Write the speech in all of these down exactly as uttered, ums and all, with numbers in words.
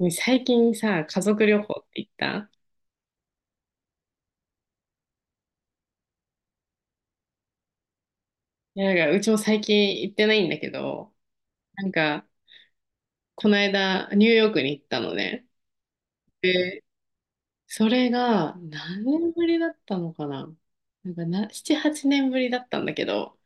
ね最近さ、家族旅行って行った？いや、なんかうちも最近行ってないんだけど、なんか、この間、ニューヨークに行ったのね。で、それが何年ぶりだったのかな？なんかな、なな、はちねんぶりだったんだけど、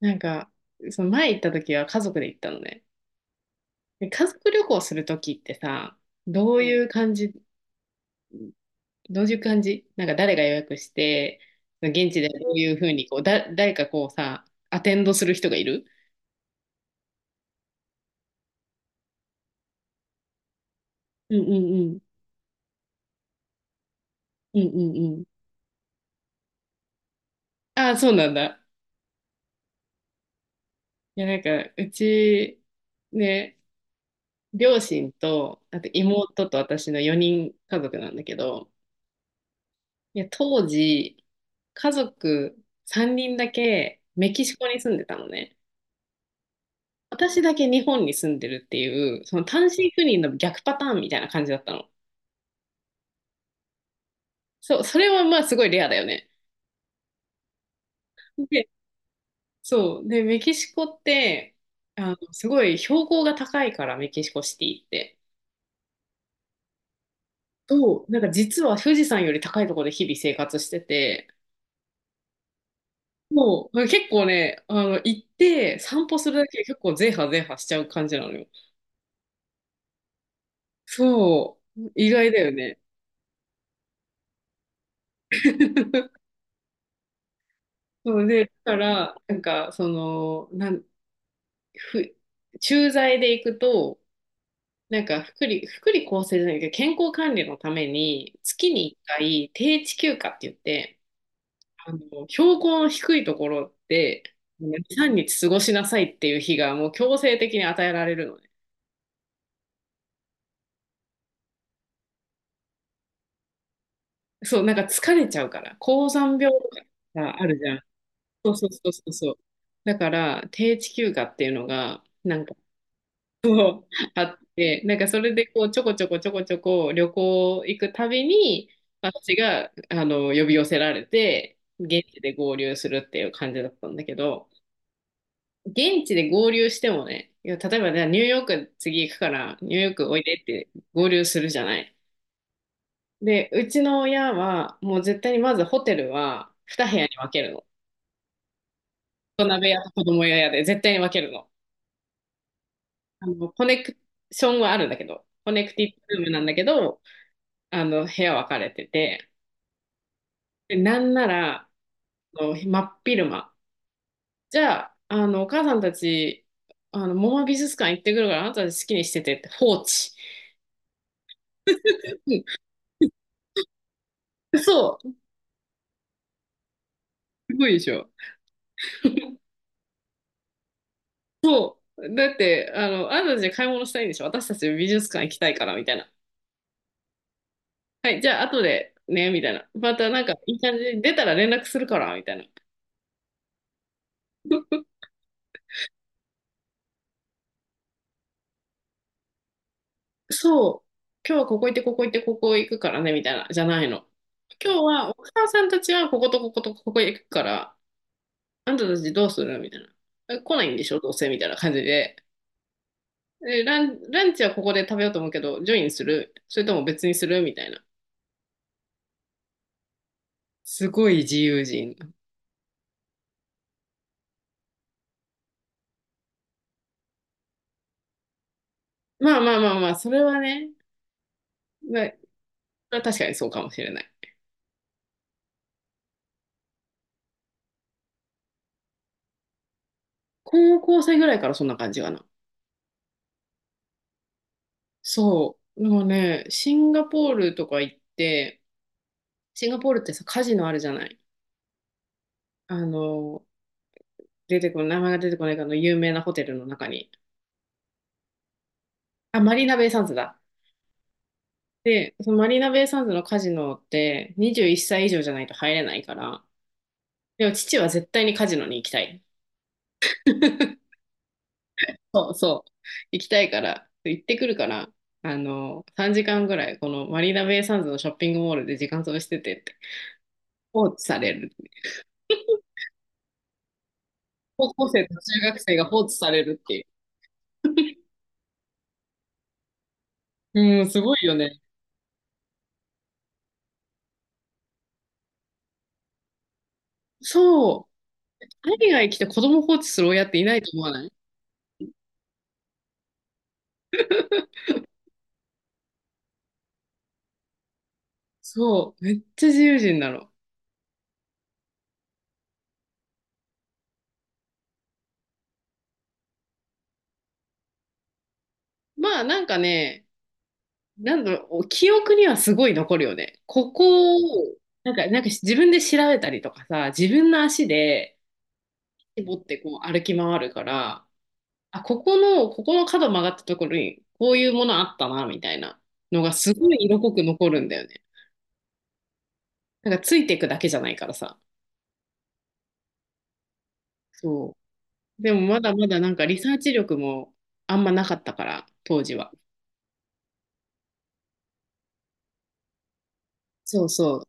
なんか、その前行った時は家族で行ったのね。で、家族旅行する時ってさ、どういう感じ、どういう感じ、なんか誰が予約して、現地でどういうふうにこう、だ、誰かこうさ、アテンドする人がいる？うんうんうん。うんうんうん。ああ、そうなんだ。いや、なんか、うち、ね、両親と、あと妹と私のよにんかぞく家族なんだけど、いや、当時、家族さんにんだけメキシコに住んでたのね。私だけ日本に住んでるっていう、その単身赴任の逆パターンみたいな感じだったの。そう、それはまあすごいレアだよね。で、そう。で、メキシコって、あの、すごい標高が高いから、メキシコシティって。そう、なんか実は富士山より高いところで日々生活してて、もう結構ね、あの、行って散歩するだけで結構ゼーハ派ゼーハしちゃう感じなのよ。そう、意外だよね。そうで、だから、なんか、その、なん、ふ、駐在で行くと、なんか、福利、福利厚生じゃないけど、健康管理のために、月にいっかい、定置休暇って言って、あの、標高の低いところで、に、みっか過ごしなさいっていう日がもう強制的に与えられるのね。そう、なんか疲れちゃうから、高山病とかがあるじゃん。そうそうそうそうそう。だから、低地休暇っていうのが、なんかあって、なんかそれでこう、ちょこちょこちょこちょこ旅行行くたびに、私が、あの、呼び寄せられて、現地で合流するっていう感じだったんだけど、現地で合流してもね、いや例えばね、ニューヨーク次行くから、ニューヨークおいでって合流するじゃない。で、うちの親は、もう絶対にまずホテルは二部屋に分けるの。大人部屋と子供部屋で絶対に分けるの。あの、コネクションはあるんだけど、コネクティブルームなんだけど、あの、部屋分かれてて、で、なんなら、あの真っ昼間。じゃあ、あの、お母さんたち、あの、モマ美術館行ってくるから、あなたたち好きにしててって放置。うん、そう。すごいでしょ。だって、あの、あなたたち買い物したいんでしょ。私たち美術館行きたいから、みたいな。はい、じゃあ後でね、みたいな。またなんかいい感じに出たら連絡するから、みたいな。そう、今日はここ行って、ここ行って、ここ行くからね、みたいな、じゃないの。今日はお母さんたちはこことこことここ行くから、あんたたちどうするみたいな。え来ないんでしょ、どうせみたいな感じで。えラン、ランチはここで食べようと思うけど、ジョインするそれとも別にするみたいな。すごい自由人。まあまあまあまあ、それはね、まあ確かにそうかもしれない。高校生ぐらいからそんな感じかな。そう。でもね、シンガポールとか行って、シンガポールってさ、カジノあるじゃない。あの、出てこない、名前が出てこないかの有名なホテルの中に。あ、マリーナベイサンズだ。で、そのマリーナベイサンズのカジノってにじゅういっさい以上じゃないと入れないから、でも父は絶対にカジノに行きたい。そうそう。行きたいから、行ってくるから、あの、さんじかんぐらい、このマリーナベイサンズのショッピングモールで時間潰しててって放置される。高校生と中学生が放置されるっていう。うん、すごいよね。そう。海外来て子供放置する親っていないと思わない？そう。めっちゃ自由人なの。まあなんかね、なんだろう、記憶にはすごい残るよね。ここを、なんか、なんか自分で調べたりとかさ、自分の足で持ってこう歩き回るから、あ、ここの、ここの角曲がったところに、こういうものあったな、みたいなのがすごい色濃く残るんだよね。なんかついていくだけじゃないからさ。そう。でもまだまだなんかリサーチ力もあんまなかったから、当時は。そうそう、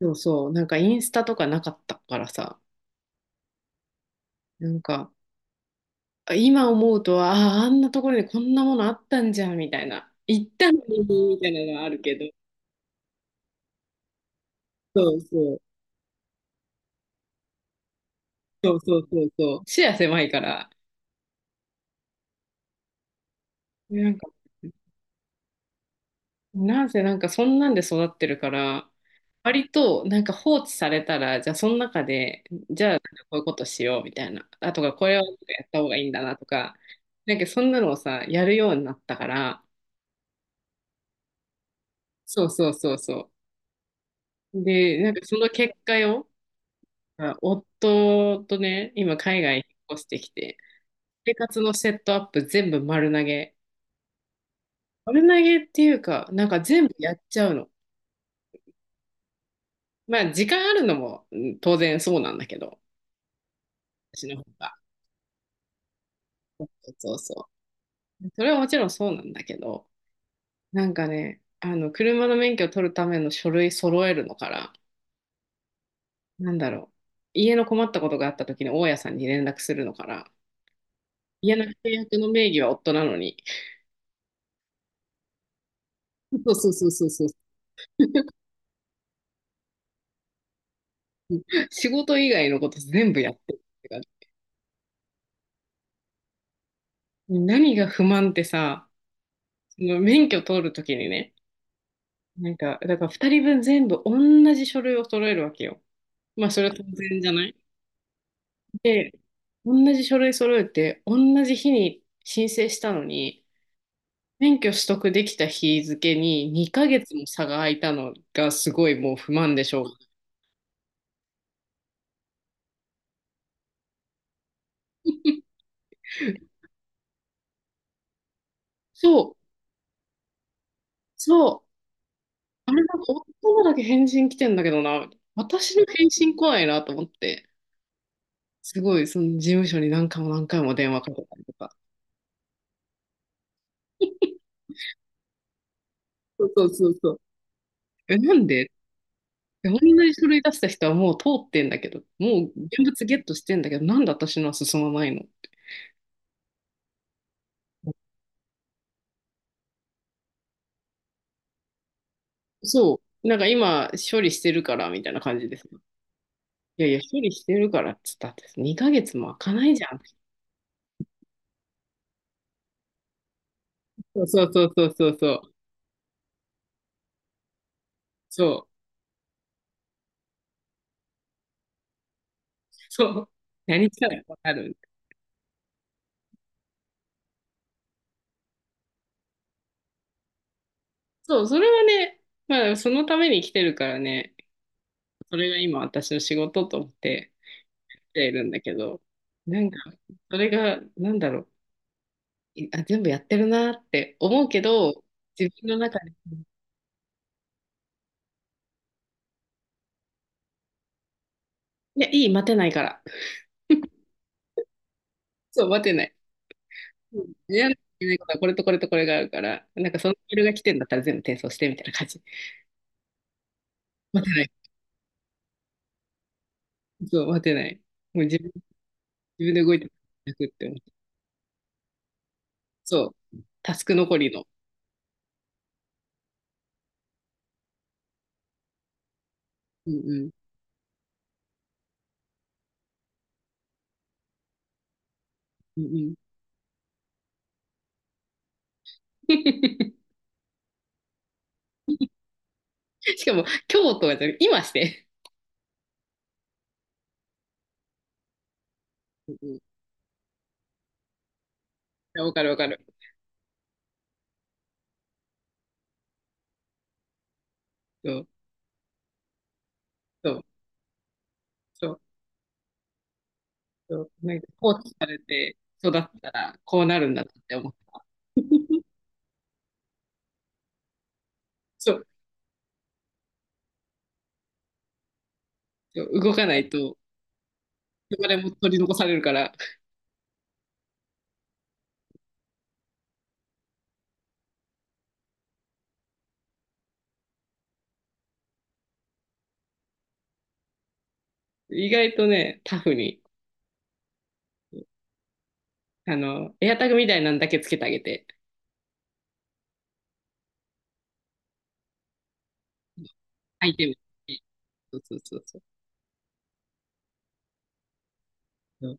そうそう。なんかインスタとかなかったからさ、なんかあ今思うとは、ああ、あんなところにこんなものあったんじゃんみたいな。行ったのにみたいなのはあるけど。そうそう、そうそうそうそう。視野狭いから。なんかなんせなんかそんなんで育ってるから、割となんか放置されたら、じゃあその中で、じゃあなんかこういうことしようみたいな、あとかこれをやった方がいいんだなとか、なんかそんなのをさ、やるようになったから、そうそうそうそう。で、なんかその結果よ、あ夫とね、今海外に引っ越してきて、生活のセットアップ全部丸投げ。丸投げっていうか、なんか全部やっちゃうの。まあ時間あるのも、うん、当然そうなんだけど、私の方が。そうそう。それはもちろんそうなんだけど、なんかね、あの、車の免許を取るための書類揃えるのから、なんだろう、家の困ったことがあった時に大家さんに連絡するのから、家の契約の名義は夫なのに、そうそうそうそうそう、仕事以外のこと全部やってるって感じ。何が不満ってさ、その免許取る時にね、なんか、だからふたりぶん全部同じ書類を揃えるわけよ。まあ、それは当然じゃない？で、同じ書類揃えて、同じ日に申請したのに、免許取得できた日付ににかげつも差が空いたのがすごいもう不満でしょう。そう、そう、あれなんか夫のだけ返信来てんだけどな、私の返信来ないなと思って、すごいその事務所に何回も何回も電話かけたりとか。そうそうそうそう。え、なんで同じ書類出した人はもう通ってんだけど、もう現物ゲットしてんだけど、なんで私のは進まないの？そう。なんか今、処理してるから、みたいな感じですね。いやいや、処理してるからっつったって、にかげつも開かないじゃん。そうそうそうそうそうそう。そう。そう。何したらわかる？そう、それはね、まあ、そのために来てるからね、それが今私の仕事と思って来ているんだけど、なんか、それが、なんだろう、いあ、全部やってるなって思うけど、自分の中で、いや、いい、待てないから。そう、待てない。うん。やらなきゃいけないことはこれとこれとこれがあるから、なんかそのメールが来てんだったら全部転送してみたいな感じ。待てない。そう、待てない。もう自分、自分で動いてなくって思って。そう。タスク残りの。うんうん。うんうん。しかも、今日とかじゃなくて今して。うんうん。いやわかるわかる。そう、そう、そう、そう。なんか、放置されて育ったら、こうなるんだなって思った。そう、そう動かないと、生まれも取り残されるから、意外とね、タフに。あの、エアタグみたいなんだけつけてあげて、相手テムそうそうそうそう。